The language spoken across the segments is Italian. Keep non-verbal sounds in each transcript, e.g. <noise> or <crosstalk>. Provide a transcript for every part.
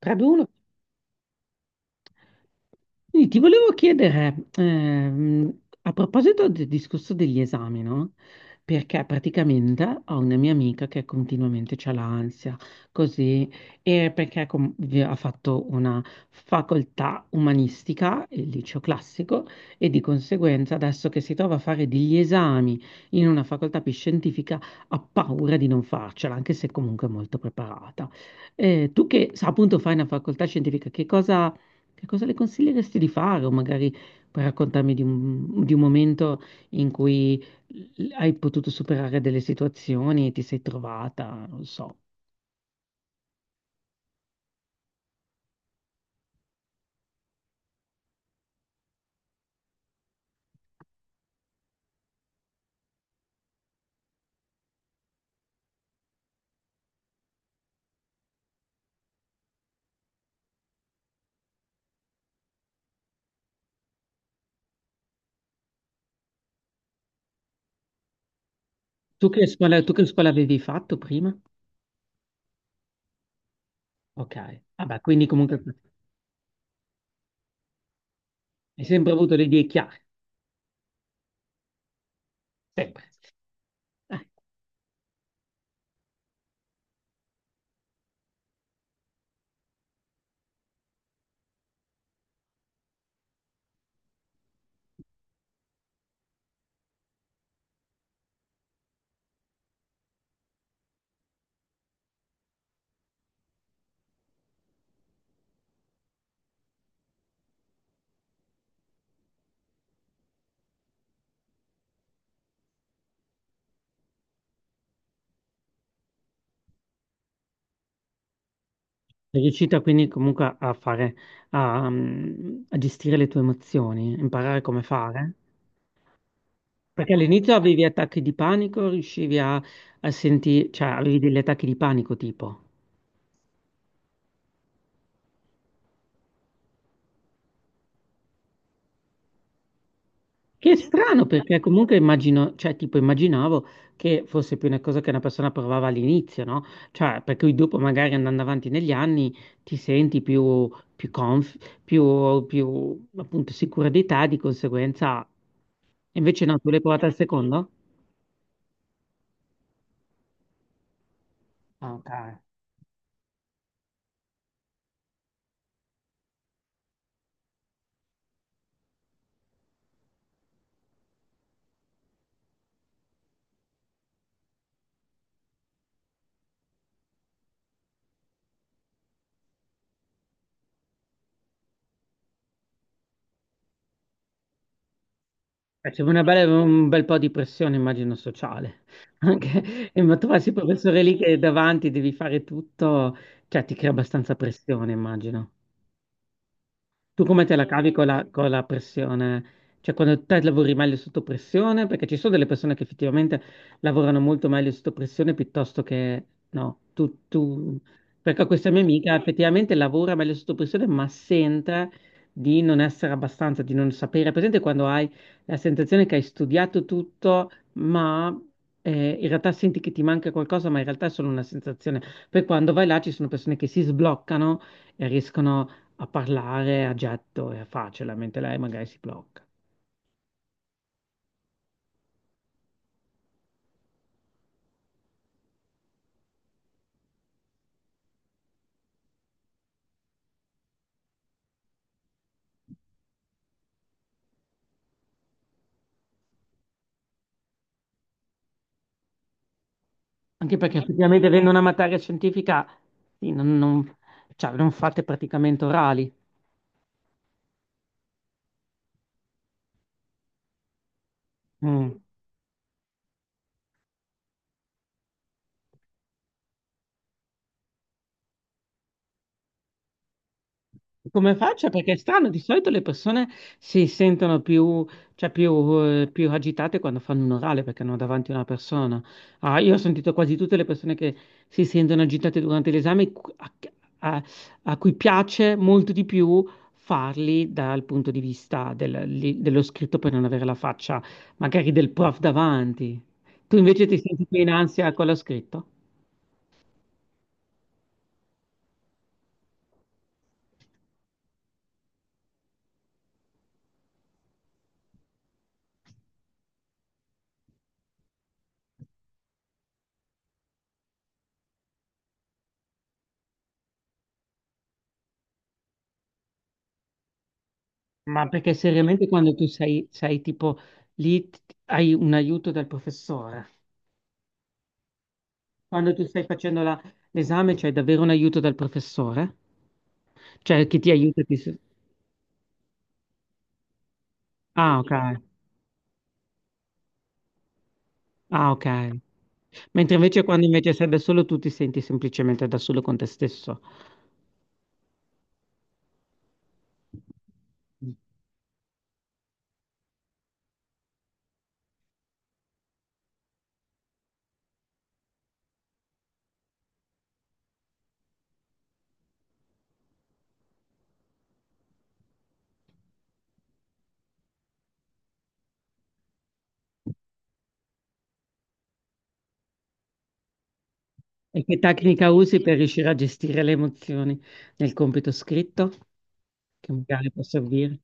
3-2-1. Quindi ti volevo chiedere, a proposito del discorso degli esami, no? Perché praticamente ho una mia amica che continuamente c'ha l'ansia, così, e perché ha fatto una facoltà umanistica, il liceo classico, e di conseguenza adesso che si trova a fare degli esami in una facoltà più scientifica ha paura di non farcela, anche se comunque è molto preparata. Tu che sa, appunto fai una facoltà scientifica, che cosa... Che cosa le consiglieresti di fare? O magari puoi raccontarmi di un momento in cui hai potuto superare delle situazioni e ti sei trovata, non so. Tu che scuola avevi fatto prima? Ok, vabbè, quindi comunque hai sempre avuto le idee chiare, sempre. Eh, Sei riuscita quindi comunque a fare, a gestire le tue emozioni, imparare come fare? Perché all'inizio avevi attacchi di panico, riuscivi a sentire, cioè avevi degli attacchi di panico tipo. Che è strano, perché comunque immagino, cioè, tipo, immaginavo che fosse più una cosa che una persona provava all'inizio, no? Cioè, per cui dopo, magari andando avanti negli anni, ti senti più, più conf, più, appunto, sicura di te, di conseguenza. Invece no, tu l'hai provata al secondo? Ah, ok. C'è una un bel po' di pressione, immagino, sociale. <laughs> Anche, e ma trovarsi il professore lì che davanti devi fare tutto, cioè, ti crea abbastanza pressione, immagino. Tu come te la cavi con la pressione? Cioè, quando te lavori meglio sotto pressione? Perché ci sono delle persone che effettivamente lavorano molto meglio sotto pressione piuttosto che no. Tu... Perché questa mia amica effettivamente lavora meglio sotto pressione, ma sente di non essere abbastanza, di non sapere. È presente quando hai la sensazione che hai studiato tutto, ma in realtà senti che ti manca qualcosa, ma in realtà è solo una sensazione. Poi quando vai là ci sono persone che si sbloccano e riescono a parlare a getto e a facile, mentre lei magari si blocca. Anche perché effettivamente avendo una materia scientifica, sì, non- cioè, non fate praticamente orali. Mm. Come faccio? Perché è strano, di solito le persone si sentono più, cioè più, più agitate quando fanno un orale perché hanno davanti una persona. Ah, io ho sentito quasi tutte le persone che si sentono agitate durante l'esame a- a cui piace molto di più farli dal punto di vista dello scritto per non avere la faccia magari del prof davanti. Tu invece ti senti più in ansia con lo scritto? Ma perché seriamente quando sei tipo lì t- hai un aiuto dal professore? Quando tu stai facendo l'esame c'hai davvero un aiuto dal professore? Cioè che ti aiuta? Ti... s- Ah, ok. Ah, ok. Mentre invece quando invece sei da solo tu ti senti semplicemente da solo con te stesso. E che tecnica usi per riuscire a gestire le emozioni nel compito scritto? Che magari può servire?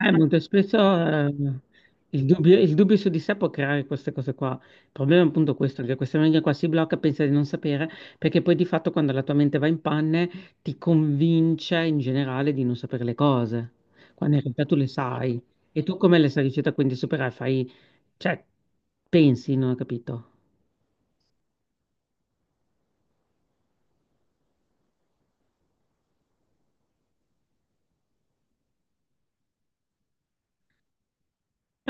Molto spesso il dubbio su di sé può creare queste cose qua. Il problema è appunto questo, che questa mente qua si blocca, pensa di non sapere, perché poi di fatto quando la tua mente va in panne ti convince in generale di non sapere le cose, quando in realtà tu le sai. E tu come le sei riuscita quindi a superare? Fai, cioè, pensi, non ho capito.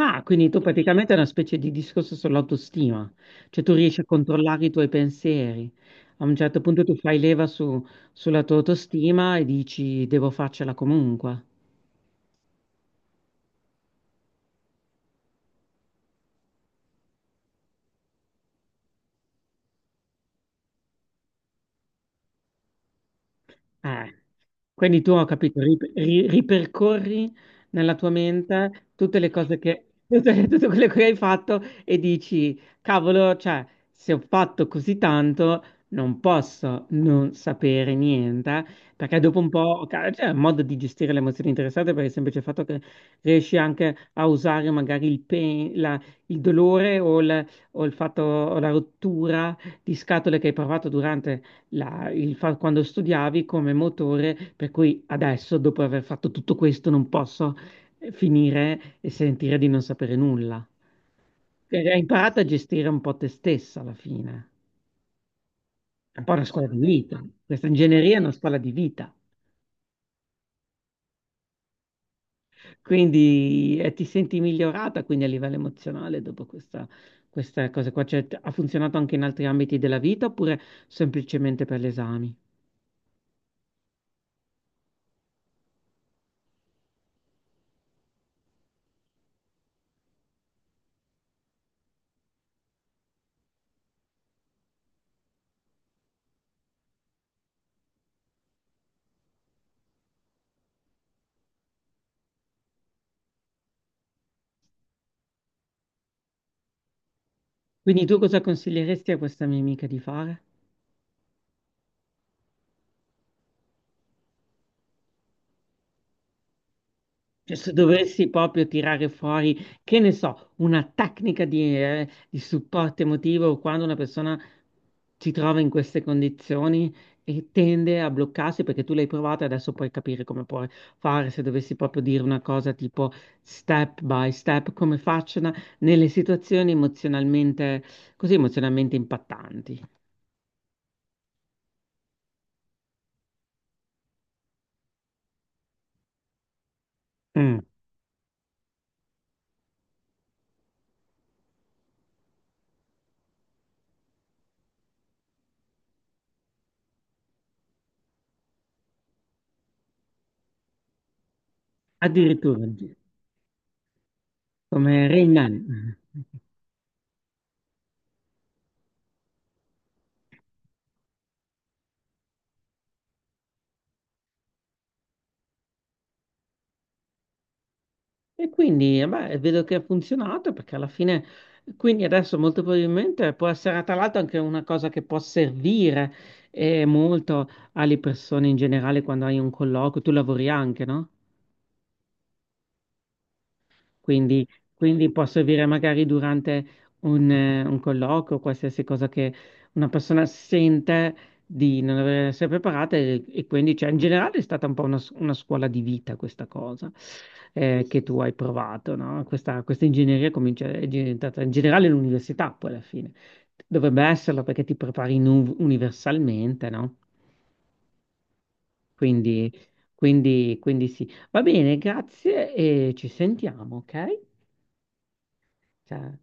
Ah, quindi tu praticamente è una specie di discorso sull'autostima, cioè tu riesci a controllare i tuoi pensieri. A un certo punto tu fai leva su- sulla tua autostima e dici devo farcela comunque. Ah, eh, quindi tu ho capito, ripercorri nella tua mente tutte le cose che, <laughs> tutte, tutte quelle che hai fatto e dici, cavolo, cioè, se ho fatto così tanto, non posso non sapere niente, perché dopo un po', ca- cioè, è un modo di gestire le emozioni interessate per il semplice fatto che riesci anche a usare magari il, il dolore o il fatto, o la rottura di scatole che hai provato quando studiavi come motore, per cui adesso, dopo aver fatto tutto questo, non posso finire e sentire di non sapere nulla. Cioè, hai imparato a gestire un po' te stessa alla fine. È un po' una scuola di vita. Questa ingegneria è una scuola di vita. Quindi ti senti migliorata quindi a livello emozionale dopo questa, questa cosa qua. Cioè, t- ha funzionato anche in altri ambiti della vita oppure semplicemente per gli esami? Quindi tu cosa consiglieresti a questa mia amica di fare? Cioè, se dovessi proprio tirare fuori, che ne so, una tecnica di supporto emotivo quando una persona si trova in queste condizioni e tende a bloccarsi perché tu l'hai provata, adesso puoi capire come puoi fare, se dovessi proprio dire una cosa tipo step by step, come facciano nelle situazioni emozionalmente, così emozionalmente impattanti. Mm. Addirittura, come Rain Man. E quindi, beh, vedo che ha funzionato perché alla fine, quindi adesso molto probabilmente può essere tra l'altro anche una cosa che può servire molto alle persone in generale quando hai un colloquio. Tu lavori anche, no? Quindi, quindi può servire magari durante un colloquio, qualsiasi cosa che una persona sente di non avere- essere preparata e quindi cioè, in generale è stata un po' una scuola di vita questa cosa che tu hai provato, no? Questa ingegneria comincia, è diventata in generale l'università poi alla fine. Dovrebbe esserlo perché ti prepari in un- universalmente, no? Quindi, quindi sì. Va bene, grazie e ci sentiamo, ok? Ciao.